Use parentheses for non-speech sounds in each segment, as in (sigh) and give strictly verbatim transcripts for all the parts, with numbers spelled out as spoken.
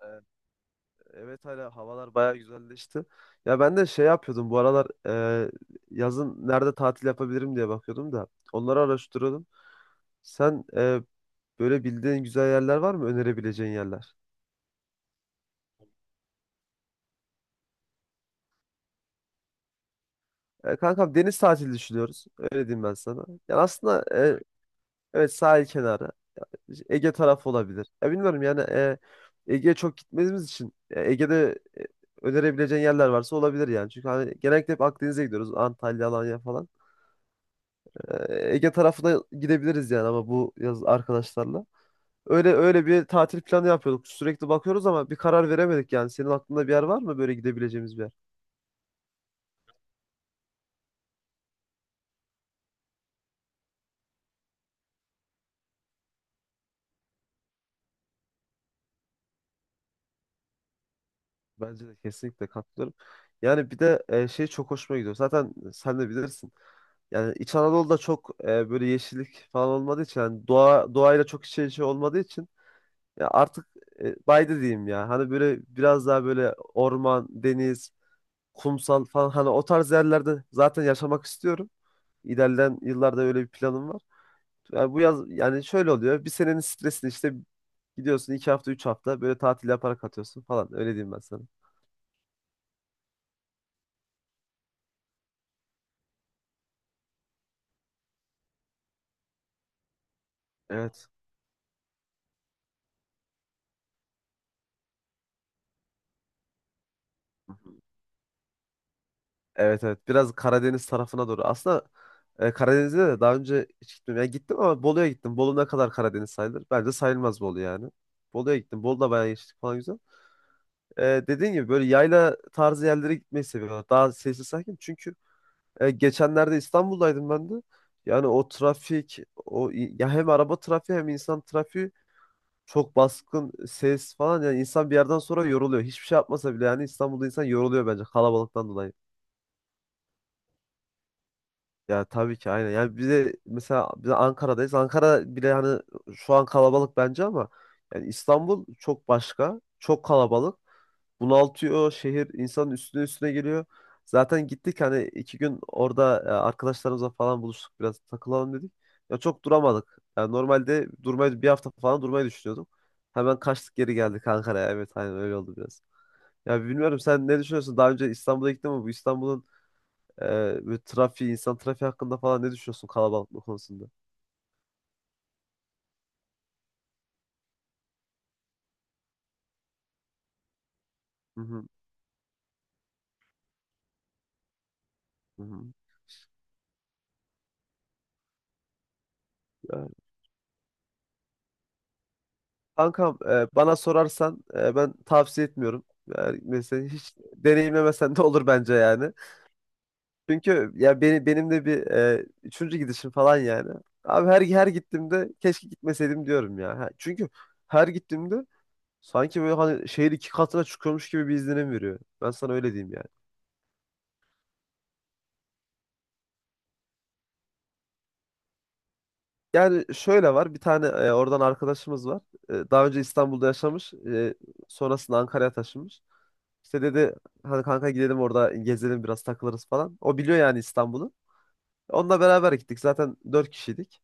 Evet evet, hala havalar bayağı güzelleşti. Ya ben de şey yapıyordum bu aralar e, yazın nerede tatil yapabilirim diye bakıyordum da onları araştırıyordum. Sen e, böyle bildiğin güzel yerler var mı önerebileceğin yerler? E, kankam deniz tatili düşünüyoruz. Öyle diyeyim ben sana. Yani aslında e, evet, sahil kenarı, Ege tarafı olabilir. Ya bilmiyorum yani, e, Ege'ye çok gitmediğimiz için e, Ege'de e, önerebileceğin yerler varsa olabilir yani. Çünkü hani genellikle hep Akdeniz'e gidiyoruz. Antalya, Alanya falan. Ee, Ege tarafına gidebiliriz yani, ama bu yaz arkadaşlarla. Öyle öyle bir tatil planı yapıyorduk. Sürekli bakıyoruz ama bir karar veremedik yani. Senin aklında bir yer var mı, böyle gidebileceğimiz bir yer? Bence de kesinlikle katılıyorum. Yani bir de e, şey çok hoşuma gidiyor. Zaten sen de bilirsin. Yani İç Anadolu'da çok e, böyle yeşillik falan olmadığı için, yani doğa doğayla çok iç içe olmadığı için ya artık e, baydı diyeyim ya. Hani böyle biraz daha böyle orman, deniz, kumsal falan, hani o tarz yerlerde zaten yaşamak istiyorum. İlerleyen yıllarda öyle bir planım var. Yani bu yaz yani şöyle oluyor. Bir senenin stresini işte gidiyorsun iki hafta üç hafta böyle tatil yaparak atıyorsun falan. Öyle diyeyim ben sana. Evet. Evet evet. Biraz Karadeniz tarafına doğru. Aslında e, Karadeniz'e de daha önce hiç gitmedim. Yani gittim ama Bolu'ya gittim. Bolu ne kadar Karadeniz sayılır? Bence sayılmaz Bolu yani. Bolu'ya gittim. Bolu'da bayağı geçtik falan, güzel. E, Dediğin gibi böyle yayla tarzı yerlere gitmeyi seviyorum. Daha sessiz, sakin. Çünkü E, geçenlerde İstanbul'daydım ben de. Yani o trafik, o ya hem araba trafiği hem insan trafiği, çok baskın ses falan, yani insan bir yerden sonra yoruluyor. Hiçbir şey yapmasa bile yani İstanbul'da insan yoruluyor bence kalabalıktan dolayı. Ya tabii ki aynen. Yani bize mesela, biz Ankara'dayız. Ankara bile hani şu an kalabalık bence, ama yani İstanbul çok başka. Çok kalabalık. Bunaltıyor, şehir insanın üstüne üstüne geliyor. Zaten gittik hani iki gün orada e, arkadaşlarımızla falan buluştuk, biraz takılalım dedik. Ya çok duramadık. Yani normalde durmayı, bir hafta falan durmayı düşünüyordum. Hemen kaçtık, geri geldik Ankara'ya. Evet aynen öyle oldu biraz. Ya bilmiyorum, sen ne düşünüyorsun? Daha önce İstanbul'a gittin mi? Bu İstanbul'un ee, böyle trafiği, insan trafiği hakkında falan ne düşünüyorsun, kalabalıklık konusunda? Hı hı, hı hı. Yani, kankam, e, bana sorarsan e, ben tavsiye etmiyorum. Yani mesela hiç deneyimlemesen de olur bence yani. Çünkü ya beni benim de bir e, üçüncü gidişim falan yani. Abi her her gittiğimde keşke gitmeseydim diyorum ya. Ha, çünkü her gittiğimde sanki böyle hani şehir iki katına çıkıyormuş gibi bir izlenim veriyor. Ben sana öyle diyeyim yani. Yani şöyle, var bir tane e, oradan arkadaşımız var. E, daha önce İstanbul'da yaşamış, e, sonrasında Ankara'ya taşınmış. İşte dedi hadi kanka gidelim, orada gezelim, biraz takılırız falan. O biliyor yani İstanbul'u. Onunla beraber gittik. Zaten dört kişiydik.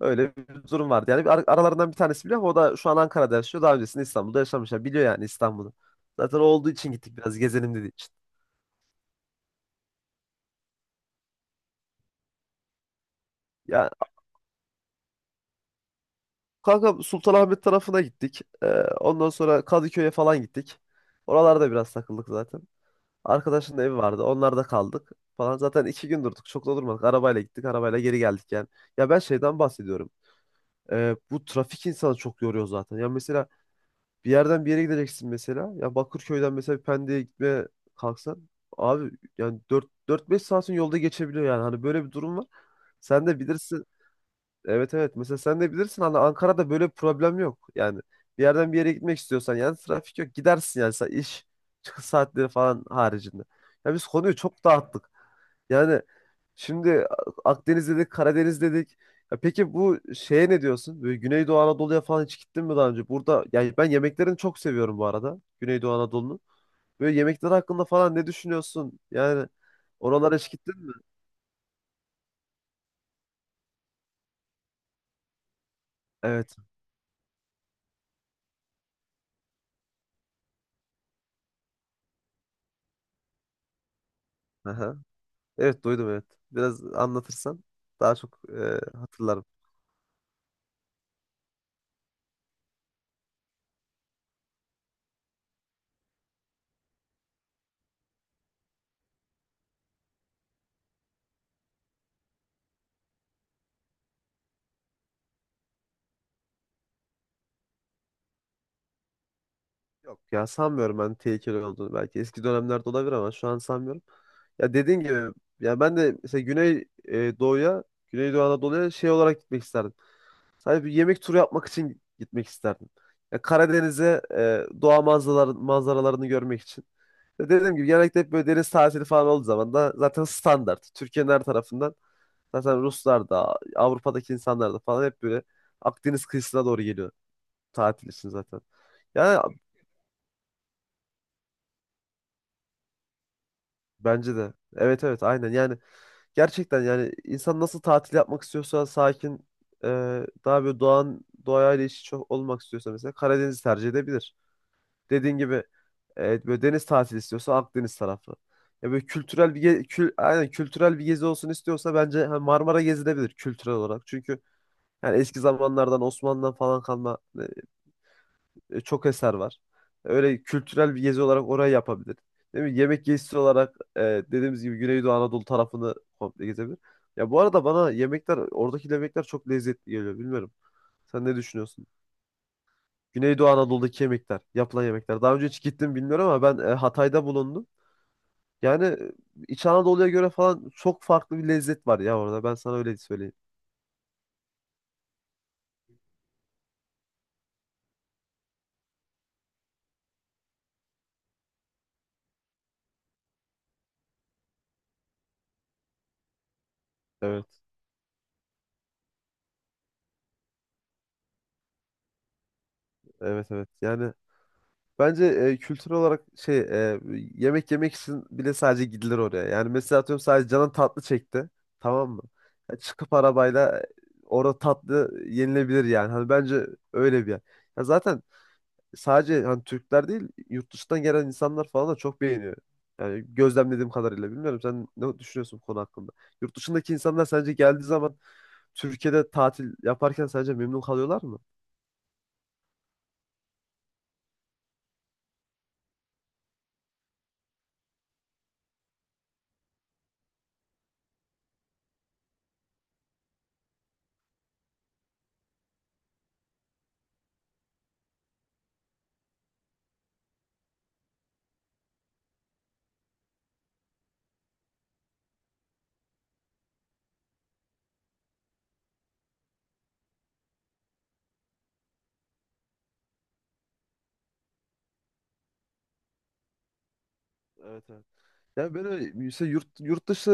Öyle bir durum vardı. Yani bir ar- aralarından bir tanesi biliyor ama o da şu an Ankara'da yaşıyor. Daha öncesinde İstanbul'da yaşamış. Yani biliyor yani İstanbul'u. Zaten o olduğu için gittik, biraz gezelim dediği için. Ya kanka Sultanahmet tarafına gittik. E, ondan sonra Kadıköy'e falan gittik. Oralarda biraz takıldık zaten. Arkadaşın da evi vardı. Onlarda kaldık falan. Zaten iki gün durduk. Çok da durmadık. Arabayla gittik, arabayla geri geldik yani. Ya ben şeyden bahsediyorum. Ee, bu trafik insanı çok yoruyor zaten. Ya mesela bir yerden bir yere gideceksin mesela. Ya Bakırköy'den mesela bir Pendik'e gitmeye kalksan. Abi yani dört dört beş saatin yolda geçebiliyor yani. Hani böyle bir durum var. Sen de bilirsin. Evet evet. Mesela sen de bilirsin hani Ankara'da böyle bir problem yok. Yani bir yerden bir yere gitmek istiyorsan yani trafik yok. Gidersin yani sa- iş çıkış saatleri falan haricinde. Ya biz konuyu çok dağıttık. Yani şimdi Akdeniz dedik, Karadeniz dedik. Ya peki bu şeye ne diyorsun? Böyle Güneydoğu Anadolu'ya falan hiç gittin mi daha önce? Burada yani ben yemeklerini çok seviyorum bu arada, Güneydoğu Anadolu'nun. Böyle yemekler hakkında falan ne düşünüyorsun? Yani oralara hiç gittin mi? Evet. (laughs) Evet, duydum, evet. Biraz anlatırsan daha çok e, hatırlarım. Yok ya, sanmıyorum ben tehlikeli olduğunu. Belki eski dönemlerde olabilir ama şu an sanmıyorum. Ya dediğin gibi, ya ben de mesela Güney e, Doğu'ya, Güneydoğu Anadolu'ya şey olarak gitmek isterdim. Sadece bir yemek turu yapmak için gitmek isterdim. Ya Karadeniz'e e, doğa manzaralar, manzaralarını görmek için. Ya dediğim gibi genellikle hep böyle deniz tatili falan olduğu zaman da zaten standart. Türkiye'nin her tarafından zaten Ruslar da, Avrupa'daki insanlar da falan, hep böyle Akdeniz kıyısına doğru geliyor tatil için zaten. Yani bence de. Evet evet aynen yani, gerçekten yani insan nasıl tatil yapmak istiyorsa, sakin e, daha böyle doğan doğayla iç içe olmak istiyorsa mesela Karadeniz'i tercih edebilir. Dediğin gibi evet, böyle deniz tatili istiyorsa Akdeniz tarafı. Ya böyle kültürel bir ge- kül aynen kültürel bir gezi olsun istiyorsa bence ha, Marmara gezilebilir kültürel olarak. Çünkü yani eski zamanlardan Osmanlı'dan falan kalma e, çok eser var. Öyle kültürel bir gezi olarak orayı yapabilir. Değil mi? Yemek gezisi olarak e, dediğimiz gibi Güneydoğu Anadolu tarafını komple gezebilir. Ya bu arada bana yemekler, oradaki yemekler çok lezzetli geliyor. Bilmiyorum. Sen ne düşünüyorsun? Güneydoğu Anadolu'daki yemekler, yapılan yemekler. Daha önce hiç gittim bilmiyorum ama ben e, Hatay'da bulundum. Yani e, İç Anadolu'ya göre falan çok farklı bir lezzet var ya orada. Ben sana öyle söyleyeyim. Evet, evet, evet. Yani bence e, kültür olarak şey e, yemek yemek için bile sadece gidilir oraya. Yani mesela atıyorum, sadece canın tatlı çekti. Tamam mı? Ya çıkıp arabayla e, orada tatlı yenilebilir yani. Hani bence öyle bir yer. Ya zaten sadece hani Türkler değil, yurt dışından gelen insanlar falan da çok beğeniyor. Yani gözlemlediğim kadarıyla, bilmiyorum sen ne düşünüyorsun bu konu hakkında? Yurt dışındaki insanlar sence geldiği zaman Türkiye'de tatil yaparken sence memnun kalıyorlar mı? Evet evet. Yani böyle mesela yurt, yurt dışı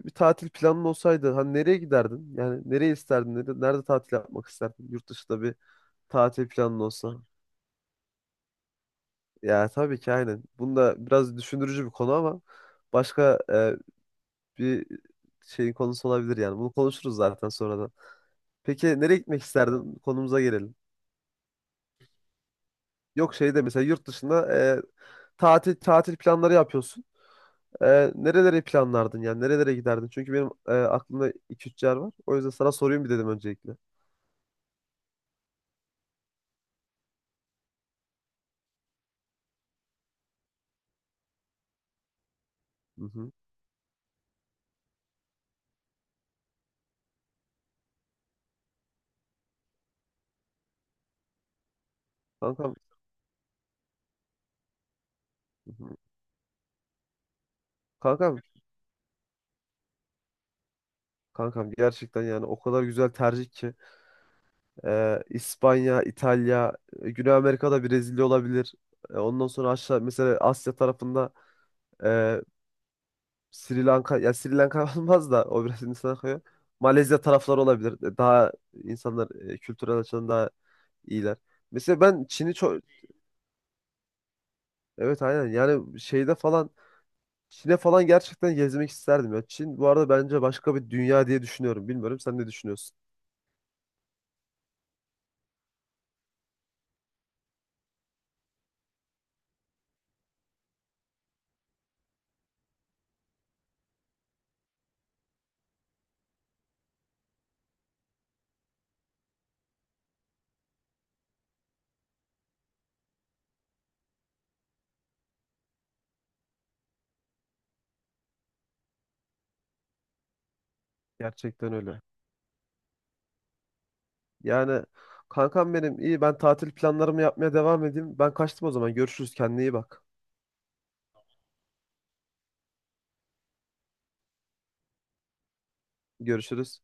e, bir tatil planın olsaydı hani nereye giderdin? Yani nereye isterdin? Nerede, nerede tatil yapmak isterdin? Yurt dışında bir tatil planın olsa. Ya tabii ki aynen. Bunda biraz düşündürücü bir konu ama başka e, bir şeyin konusu olabilir yani. Bunu konuşuruz zaten sonradan. Peki nereye gitmek isterdin? Konumuza gelelim. Yok şey, de mesela yurt dışında e, tatil tatil planları yapıyorsun. Ee, nereleri planlardın, yani nerelere giderdin? Çünkü benim e, aklımda iki üç yer var. O yüzden sana sorayım bir dedim öncelikle. Hı hı. Kankam, hı hı. kankam, kankam gerçekten yani o kadar güzel tercih ki. Ee, İspanya, İtalya, e, Güney Amerika'da Brezilya olabilir. E, ondan sonra aşağı mesela Asya tarafında e, Sri Lanka, ya Sri Lanka (laughs) olmaz da, o biraz Hindistan'a kayıyor. Malezya tarafları olabilir. E, Daha insanlar e, kültürel açıdan daha iyiler. Mesela ben Çin'i çok evet aynen yani, şeyde falan Çin'e falan gerçekten gezmek isterdim ya. Çin bu arada bence başka bir dünya diye düşünüyorum. Bilmiyorum sen ne düşünüyorsun? Gerçekten öyle. Yani kankam benim iyi, ben tatil planlarımı yapmaya devam edeyim. Ben kaçtım o zaman. Görüşürüz. Kendine iyi bak. Görüşürüz.